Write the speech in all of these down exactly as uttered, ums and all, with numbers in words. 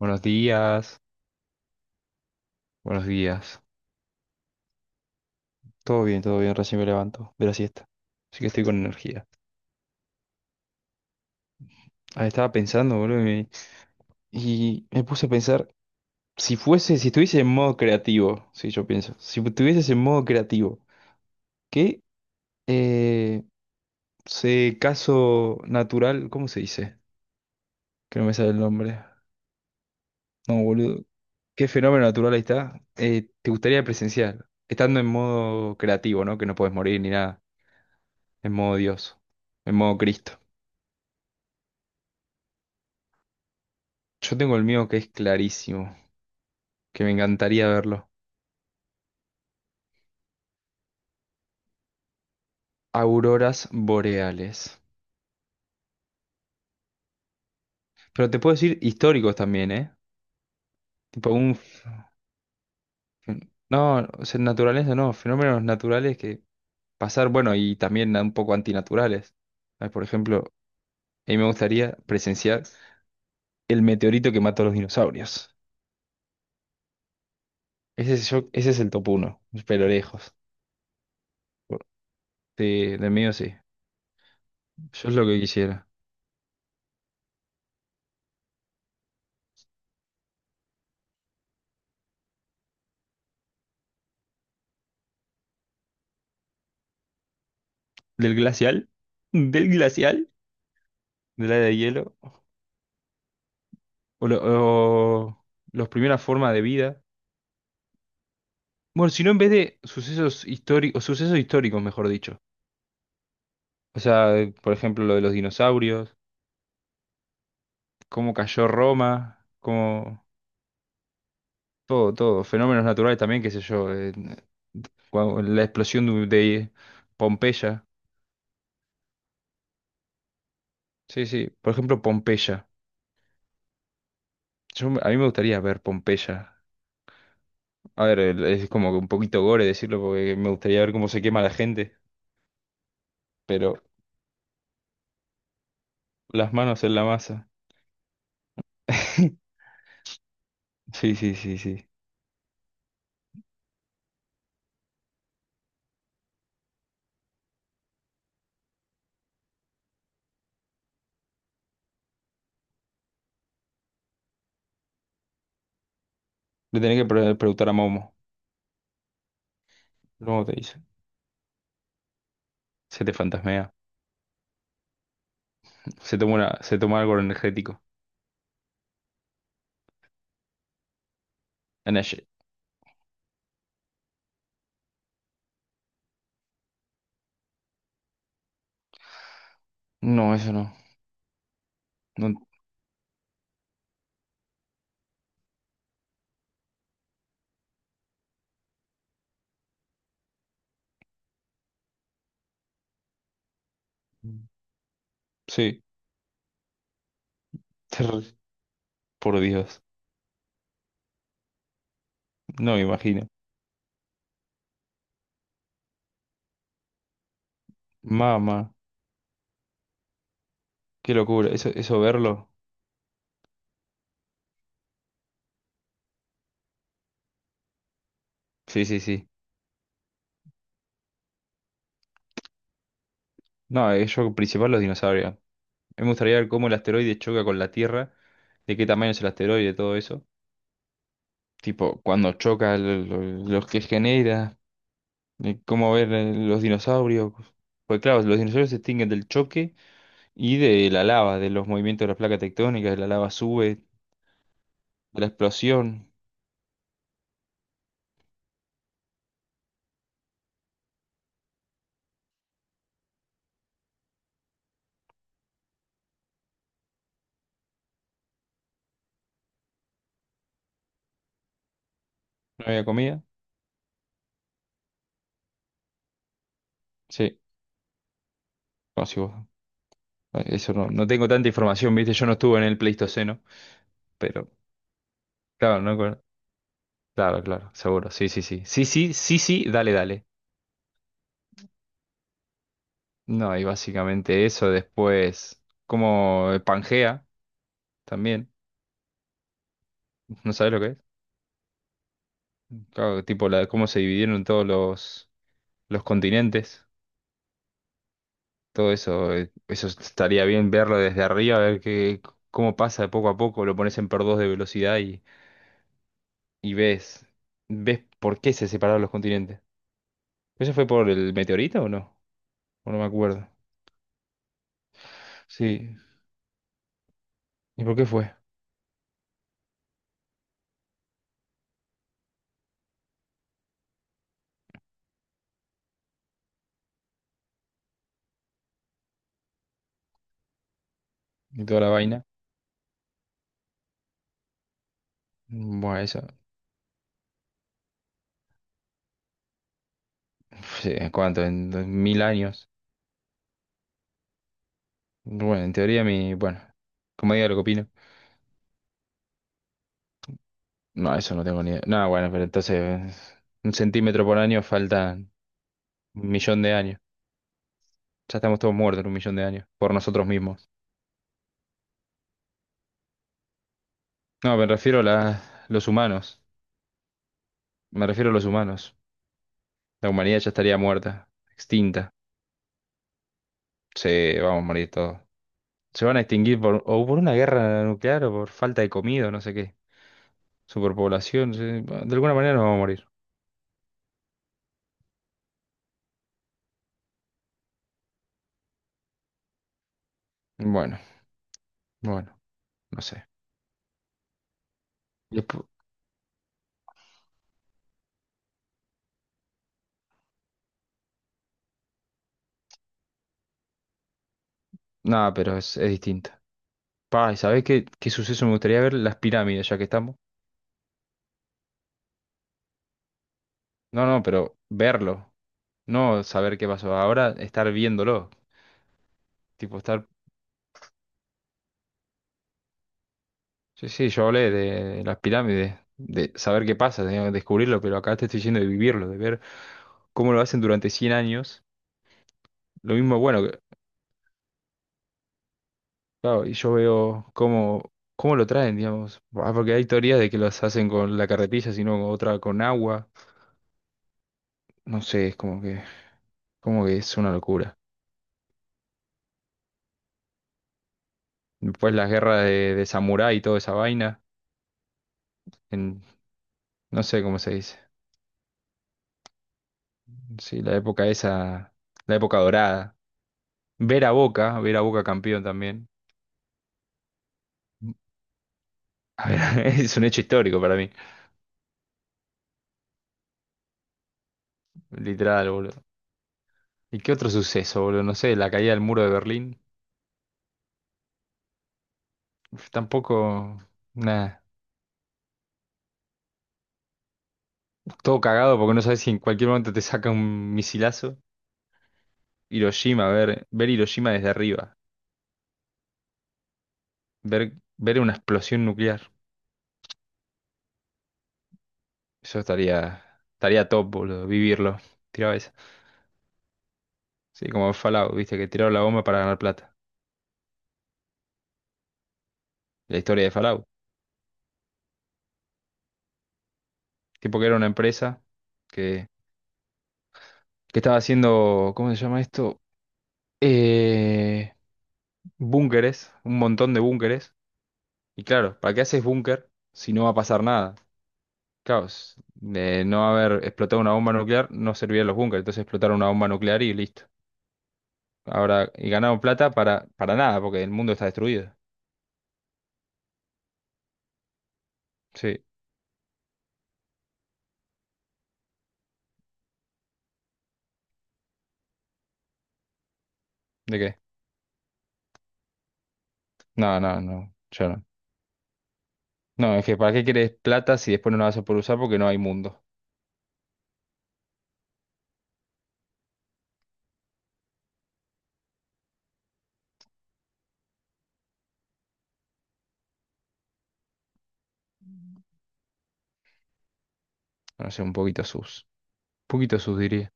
Buenos días, buenos días. Todo bien, todo bien, recién me levanto de la siesta. Así que estoy con energía. Ah, estaba pensando, boludo, y me, y me puse a pensar, si fuese, si estuviese en modo creativo, sí, yo pienso, si estuvieses en modo creativo, ¿qué eh, se- caso natural, ¿cómo se dice? Que no me sale el nombre. No, boludo. ¿Qué fenómeno natural ahí está? eh, ¿te gustaría presenciar? Estando en modo creativo, ¿no? Que no puedes morir ni nada. En modo Dios, en modo Cristo. Yo tengo el mío que es clarísimo, que me encantaría verlo. Auroras boreales. Pero te puedo decir históricos también, ¿eh? Tipo un... f- No, o sea, naturaleza no, fenómenos naturales que pasar, bueno, y también un poco antinaturales. Ah, Por ejemplo, a mí me gustaría presenciar el meteorito que mató a los dinosaurios. Ese es, yo, ese es el top uno, pero lejos. Sí, De, del mío sí, yo es lo que quisiera. ¿Del glacial? ¿Del glacial? ¿Del área de hielo? o, lo- o las primeras formas de vida. Bueno, sino en vez de sucesos históricos, sucesos históricos, mejor dicho. O sea, eh, por ejemplo, lo de los dinosaurios, cómo cayó Roma, cómo todo, todo, fenómenos naturales también, qué sé yo, eh, cuando- la explosión de, de Pompeya. Sí, sí, por ejemplo, Pompeya. Yo, a mí me gustaría ver Pompeya. A ver, el- es como que un poquito gore decirlo porque me gustaría ver cómo se quema la gente, pero las manos en la masa. Sí, sí, sí, sí. Le tenés que pre- preguntar a Momo. luego te dice. Se te fantasmea. Se toma una, se toma algo energético. Energy. No, eso no. No. Sí. Ter- Por Dios. No me imagino. Mamá. Qué locura. Eso, eso verlo. Sí, sí, sí. No, eh, yo principal los dinosaurios. A mí Me gustaría ver cómo el asteroide choca con la Tierra. De qué tamaño es el asteroide, todo eso. Tipo, cuando choca, lo, lo- lo que genera. eh, Cómo ver eh, los dinosaurios. Pues claro, los dinosaurios se extinguen del choque Y de la lava, de los movimientos de las placas tectónicas, de la lava sube, de la explosión. ¿No había comida? Sí, no, sí, vos- eh, Eso no, no tengo tanta información, ¿viste? Yo no estuve en el Pleistoceno, pero claro, no, con- claro, claro, seguro. Sí, sí, sí. Sí, sí, sí, sí, dale, dale. No, y básicamente eso después, como el Pangea también, ¿no sabes lo que es? Claro, tipo la, cómo se dividieron todos los, los continentes. Todo eso, eh, eso estaría bien verlo desde arriba, a ver qué, cómo pasa de poco a poco, lo pones en por dos de velocidad y, y ves, ves por qué se separaron los continentes. ¿Eso fue por el meteorito o no? O no me acuerdo. Sí. ¿Y por qué fue? Y toda la vaina. Bueno, eso, sí, ¿en cuánto? En dos mil años. Bueno, en teoría mi, bueno, como diga lo que opino. No, eso no tengo ni idea. No, bueno, pero entonces un centímetro por año faltan un millón de años. Ya estamos todos muertos en un millón de años, por nosotros mismos. No, me refiero a la- los humanos. Me refiero a los humanos. La humanidad ya estaría muerta, extinta. Se vamos a morir todos. Se van a extinguir por, o por una guerra nuclear o por falta de comida, no sé qué. Superpoblación, sí, Bueno, de alguna manera nos vamos a morir. Bueno, bueno, no sé. Despu- Nada, pero es, es distinto. Pa, ¿y sabés qué, qué suceso me gustaría ver? Las pirámides, ya que estamos. No, no, pero verlo. No saber qué pasó. Ahora estar viéndolo. Tipo, estar. Sí, sí, yo hablé de las pirámides, de saber qué pasa, de descubrirlo, pero acá te estoy diciendo de vivirlo, de ver cómo lo hacen durante cien años. Lo mismo, bueno, que- claro, y yo veo cómo, cómo lo traen, digamos. Ah, porque hay teorías de que las hacen con la carretilla, sino con otra con agua. No sé, es como que, como que es una locura. Después las guerras de, de samurái y toda esa vaina, en, no sé cómo se dice. Sí, la época esa, la época dorada. Ver a Boca, ver a Boca campeón también. A ver, es un hecho histórico para mí. Literal, boludo. ¿Y qué otro suceso, boludo? No sé, la caída del muro de Berlín. Uf, Tampoco. Nada. Todo cagado porque no sabes si en cualquier momento te saca un misilazo. Hiroshima, ver, ver Hiroshima desde arriba. Ver, ver una explosión nuclear. Eso estaría. Estaría top, boludo. Vivirlo. Tiraba esa. Sí, como Fallout, viste, que tiraron la bomba para ganar plata. La historia de Fallout. Tipo que era una empresa que, que estaba haciendo. ¿Cómo se llama esto? Eh. búnkeres, un montón de búnkeres. Y claro, ¿para qué haces búnker si no va a pasar nada? Claro, s- de no haber explotado una bomba nuclear no servían los búnkeres, entonces explotaron una bomba nuclear y listo. Ahora, y ganaron plata para, para nada, porque el mundo está destruido. Sí, ¿de qué? No, no, no, yo no. No, es que ¿para qué querés plata si después no la vas a poder usar porque no hay mundo? No sé, un poquito sus. Un poquito sus diría.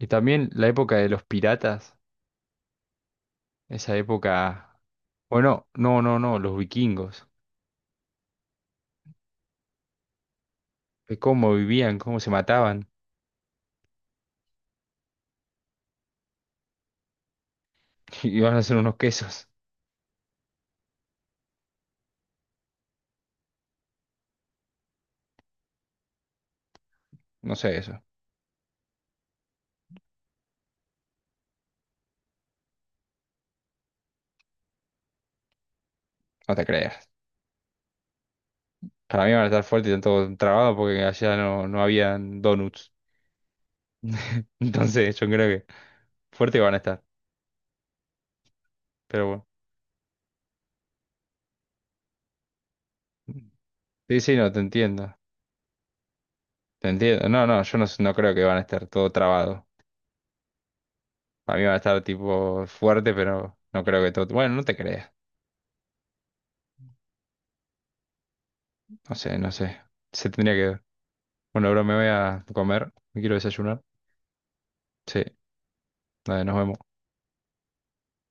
Y también la época de los piratas, esa época... Bueno, no, no, no, los vikingos. De cómo vivían, cómo se mataban, y van a hacer unos quesos. No sé eso, no te creas. Para mí van a estar fuertes y están todos trabados porque allá no, no habían donuts. Entonces yo creo que fuertes van a estar, pero bueno. Sí, sí, no, te entiendo. Te entiendo. No, no, yo no, no creo que van a estar todo trabado. Para mí van a estar tipo fuerte, pero no creo que todo... Bueno, no te creas. No sé, no sé. Se tendría que... ver. Bueno, bro, me voy a comer. Me quiero desayunar. Sí, dale, nos vemos.